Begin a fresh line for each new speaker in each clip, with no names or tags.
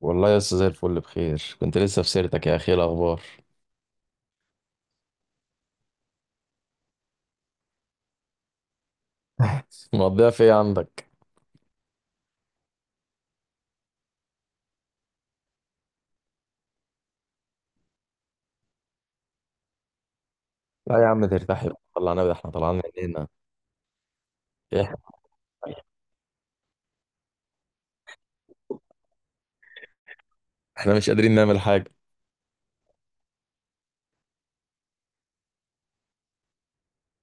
والله يا أستاذ زي الفل بخير. كنت لسه في سيرتك يا اخي، إيه الاخبار؟ مقضيها في ايه عندك؟ لا يا عم ترتاح يا عم، طلعنا ده احنا طلعنا من هنا. إيه، احنا مش قادرين نعمل حاجه.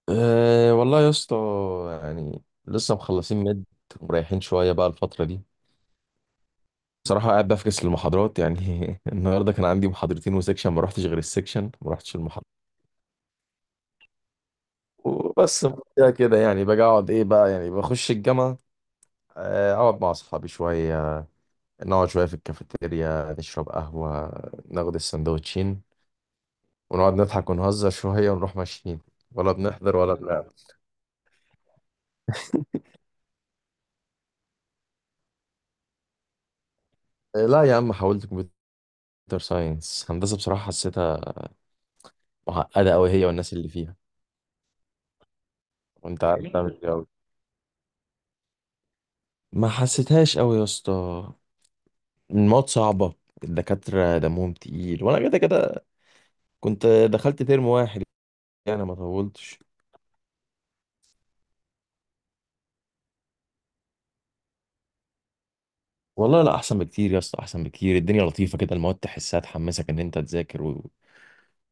أه والله يا اسطى، يعني لسه مخلصين مد ومريحين شويه بقى الفتره دي. بصراحه قاعد بفكس للمحاضرات يعني. النهارده كان عندي محاضرتين وسكشن، ما رحتش غير السكشن، ما رحتش المحاضره وبس. كده كده يعني باجي اقعد ايه بقى، يعني بخش الجامعه، اقعد مع اصحابي شويه، نقعد شوية في الكافيتيريا نشرب قهوة، ناخد السندوتشين ونقعد نضحك ونهزر شوية ونروح ماشيين، ولا بنحضر ولا بنعمل. لا يا عم، حاولت كمبيوتر ساينس. هندسة بصراحة حسيتها معقدة أوي، هي والناس اللي فيها. وأنت عارف تعمل إيه أوي، ما حسيتهاش أوي يا اسطى. المواد صعبة، الدكاترة دمهم تقيل، وأنا كده كده كنت دخلت ترم واحد يعني، ما طولتش. والله لا، أحسن بكتير يا اسطى، أحسن بكتير. الدنيا لطيفة كده، المواد تحسها تحمسك إن أنت تذاكر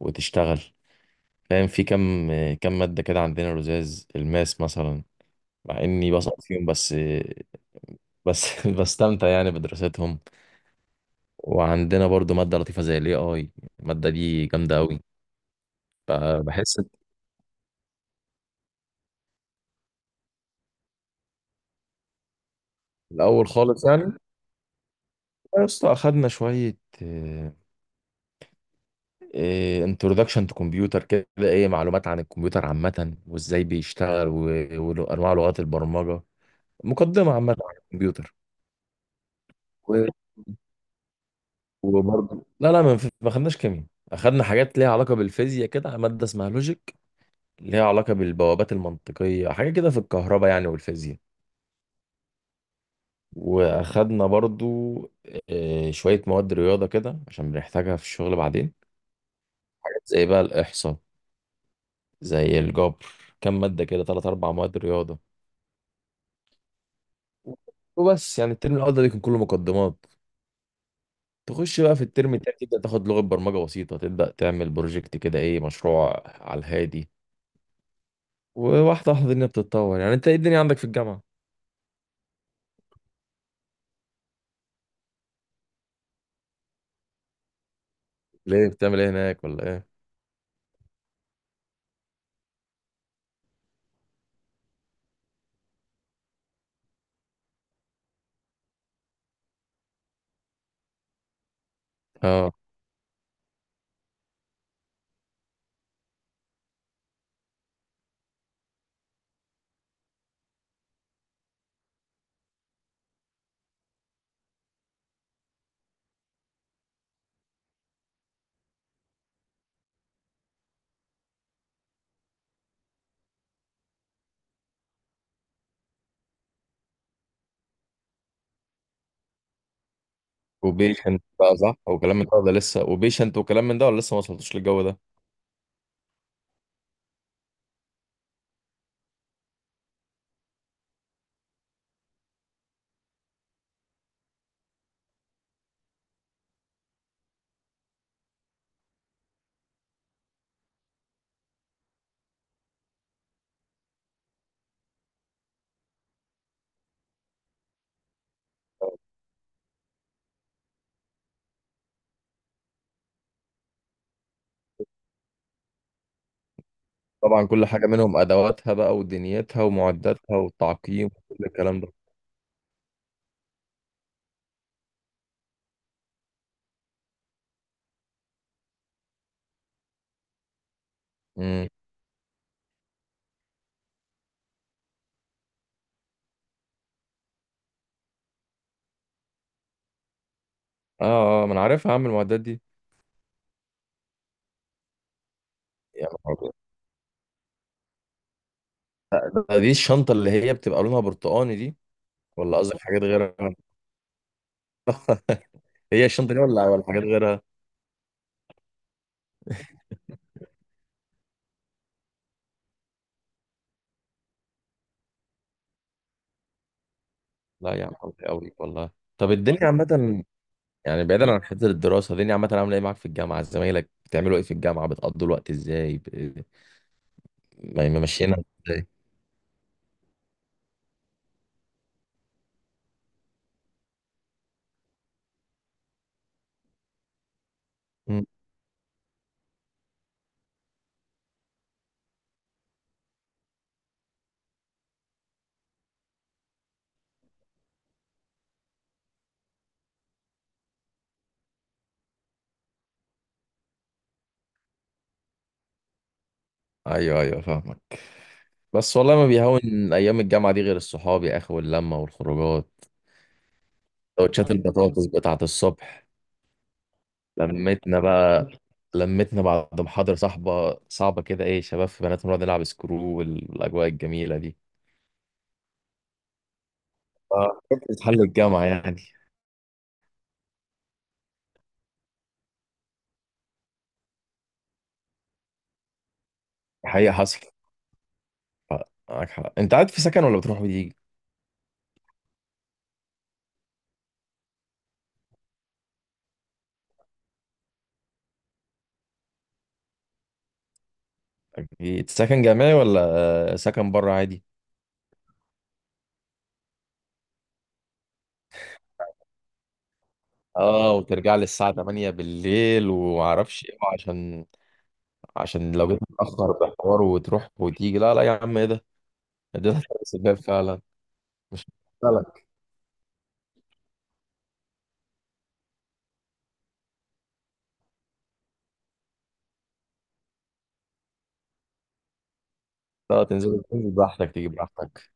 وتشتغل، فاهم. في كم مادة كده عندنا لزاز الماس مثلا، مع اني بصعب فيهم، بس بستمتع يعني بدراستهم. وعندنا برضو مادة لطيفة زي الاي اي، المادة دي جامدة قوي. بحس إن في الاول خالص يعني يا اسطى، اخدنا شوية انترودكشن تو كمبيوتر كده، ايه معلومات عن الكمبيوتر عامة وازاي بيشتغل وانواع لغات البرمجة، مقدمة عامة عن الكمبيوتر. وبرضه لا لا ما خدناش كيمياء. اخدنا حاجات ليها علاقه بالفيزياء كده، ماده اسمها لوجيك، ليها علاقه بالبوابات المنطقيه، حاجه كده في الكهرباء يعني والفيزياء. واخدنا برضو شويه مواد رياضه كده عشان بنحتاجها في الشغل بعدين، حاجات زي بقى الاحصاء، زي الجبر، كام ماده كده، ثلاث اربع مواد رياضه وبس. يعني الترم الاول ده بيكون كله مقدمات. تخش بقى في الترم التاني تبدا تاخد لغه برمجه بسيطه، تبدا تعمل بروجكت كده، ايه مشروع على الهادي، وواحدة واحدة الدنيا بتتطور. يعني انت، ايه الدنيا عندك في الجامعة؟ ليه بتعمل ايه هناك، ولا ايه؟ اه، وبيشنت بقى صح، وكلام من ده ولا لسه؟ وبيشنت وكلام من ده ولا لسه ما وصلتوش للجو ده؟ طبعا كل حاجة منهم أدواتها بقى ودنيتها ومعداتها والتعقيم وكل الكلام ده. امم. اه اه، ما انا عارفها، اعمل المعدات دي. يا نهار أبيض. دي الشنطة اللي هي بتبقى لونها برتقاني دي، ولا قصدك حاجات غيرها؟ هي الشنطة دي ولا حاجات غيرها؟ لا يا عم، حظي قوي والله. طب الدنيا عامة، يعني بعيدا عن حته الدراسه دي، عامه عامله ايه معاك في الجامعه؟ زمايلك بتعملوا ايه في الجامعه؟ بتقضوا الوقت ازاي ممشينا ازاي؟ مم. ايوه ايوه فاهمك. بس والله ما بيهون ايام الجامعه دي غير الصحاب يا اخي، واللمه والخروجات، سندوتشات البطاطس بتاعه الصبح، لمتنا بقى، لمتنا بعد محاضره صاحبه صعبه كده، ايه شباب في بنات نقعد نلعب سكرو، والاجواء الجميله دي. اه، بتحل الجامعه يعني. حقيقه حصل معاك حق. انت قاعد في سكن ولا بتروح وتيجي؟ أكيد سكن جامعي ولا سكن بره عادي؟ اه، وترجع لي الساعة 8 بالليل ومعرفش ايه، عشان لو جيت متأخر بحوار وتروح وتيجي، لا لا يا عم، ايه ده، ده هتحبس الباب فعلا. مش فعلا. لا، تنزل تنزل براحتك، تيجي براحتك،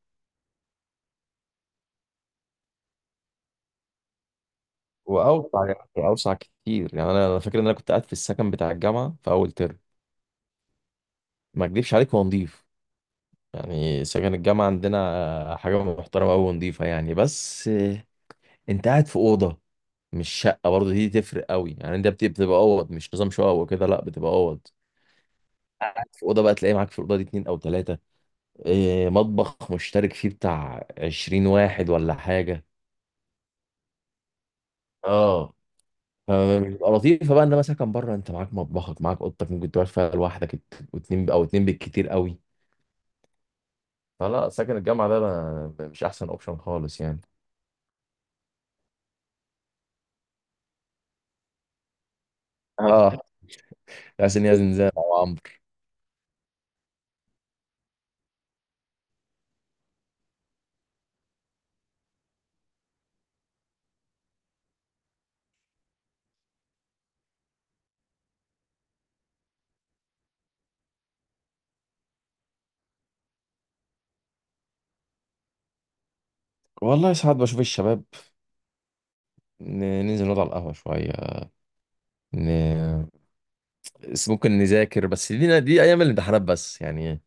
واوسع يعني، اوسع كتير يعني. أنا فاكر ان انا كنت قاعد في السكن بتاع الجامعة في اول ترم، ما اكدبش عليك هو نضيف، يعني سكن الجامعة عندنا حاجة محترمة أوي ونضيفة يعني. بس انت قاعد في أوضة، مش شقه، برضه دي تفرق قوي يعني. انت بتبقى اوض، مش نظام شقه وكده، لا بتبقى اوض. قاعد في اوضه بقى، تلاقي معاك في الاوضه دي اتنين او تلاته، إيه مطبخ مشترك فيه بتاع 20 واحد ولا حاجه. اه، فبتبقى لطيفه بقى. انما مثلا كان بره، انت معاك مطبخك، معاك اوضتك، ممكن تقعد فيها لوحدك، واتنين او اتنين بالكتير قوي. فلا، سكن الجامعه ده مش احسن اوبشن خالص يعني. اه، حاسس ان هي زنزانه او عمرو. والله ساعات بشوف الشباب، ننزل نقعد على القهوه شويه، ن... بس ممكن نذاكر بس، دينا دي ايام الامتحانات بس يعني.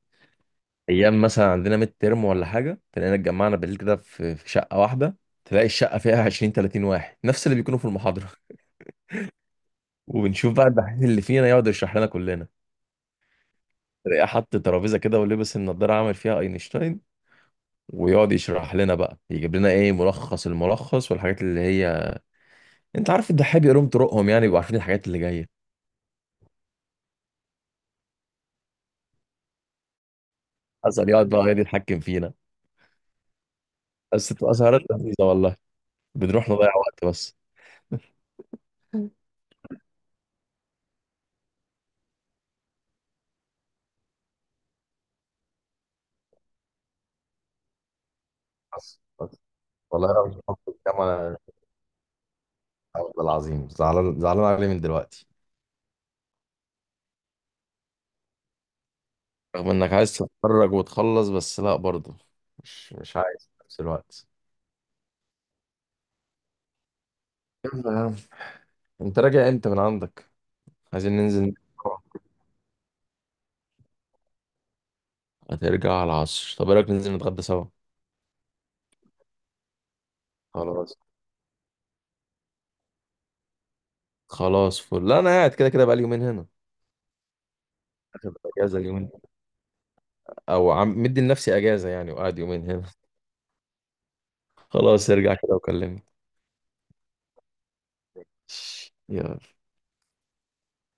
ايام مثلا عندنا ميد ترم ولا حاجه، تلاقينا اتجمعنا بالليل كده في شقه واحده، تلاقي الشقه فيها 20 30 واحد، نفس اللي بيكونوا في المحاضره. وبنشوف بقى الدحيح اللي فينا يقعد يشرح لنا كلنا، تلاقيه حط ترابيزه كده ولبس النضاره عامل فيها اينشتاين، ويقعد يشرح لنا بقى، يجيب لنا ايه ملخص الملخص والحاجات اللي هي انت عارف، الدحيح بيقولهم طرقهم يعني، بيبقوا عارفين الحاجات اللي جايه. حصل، يقعد بقى يقعد يتحكم فينا. بس بتبقى سهرات لذيذه والله، بنروح نضيع وقت بس. بس والله، رغم حب الجامعة العظيم، زعلان زعلان عليه من دلوقتي، رغم انك عايز تتخرج وتخلص، بس لا برضه، مش عايز في نفس الوقت. يلا يا عم، انت راجع امتى من عندك؟ عايزين ننزل. هترجع على العصر، طب ايه رايك ننزل نتغدى سوا؟ خلاص. خلاص فل، لا انا قاعد كده كده بقالي يومين هنا، اخد اجازه اليومين، او عم مدي لنفسي اجازه يعني، وقاعد يومين هنا. خلاص، ارجع كده وكلمني. يلا.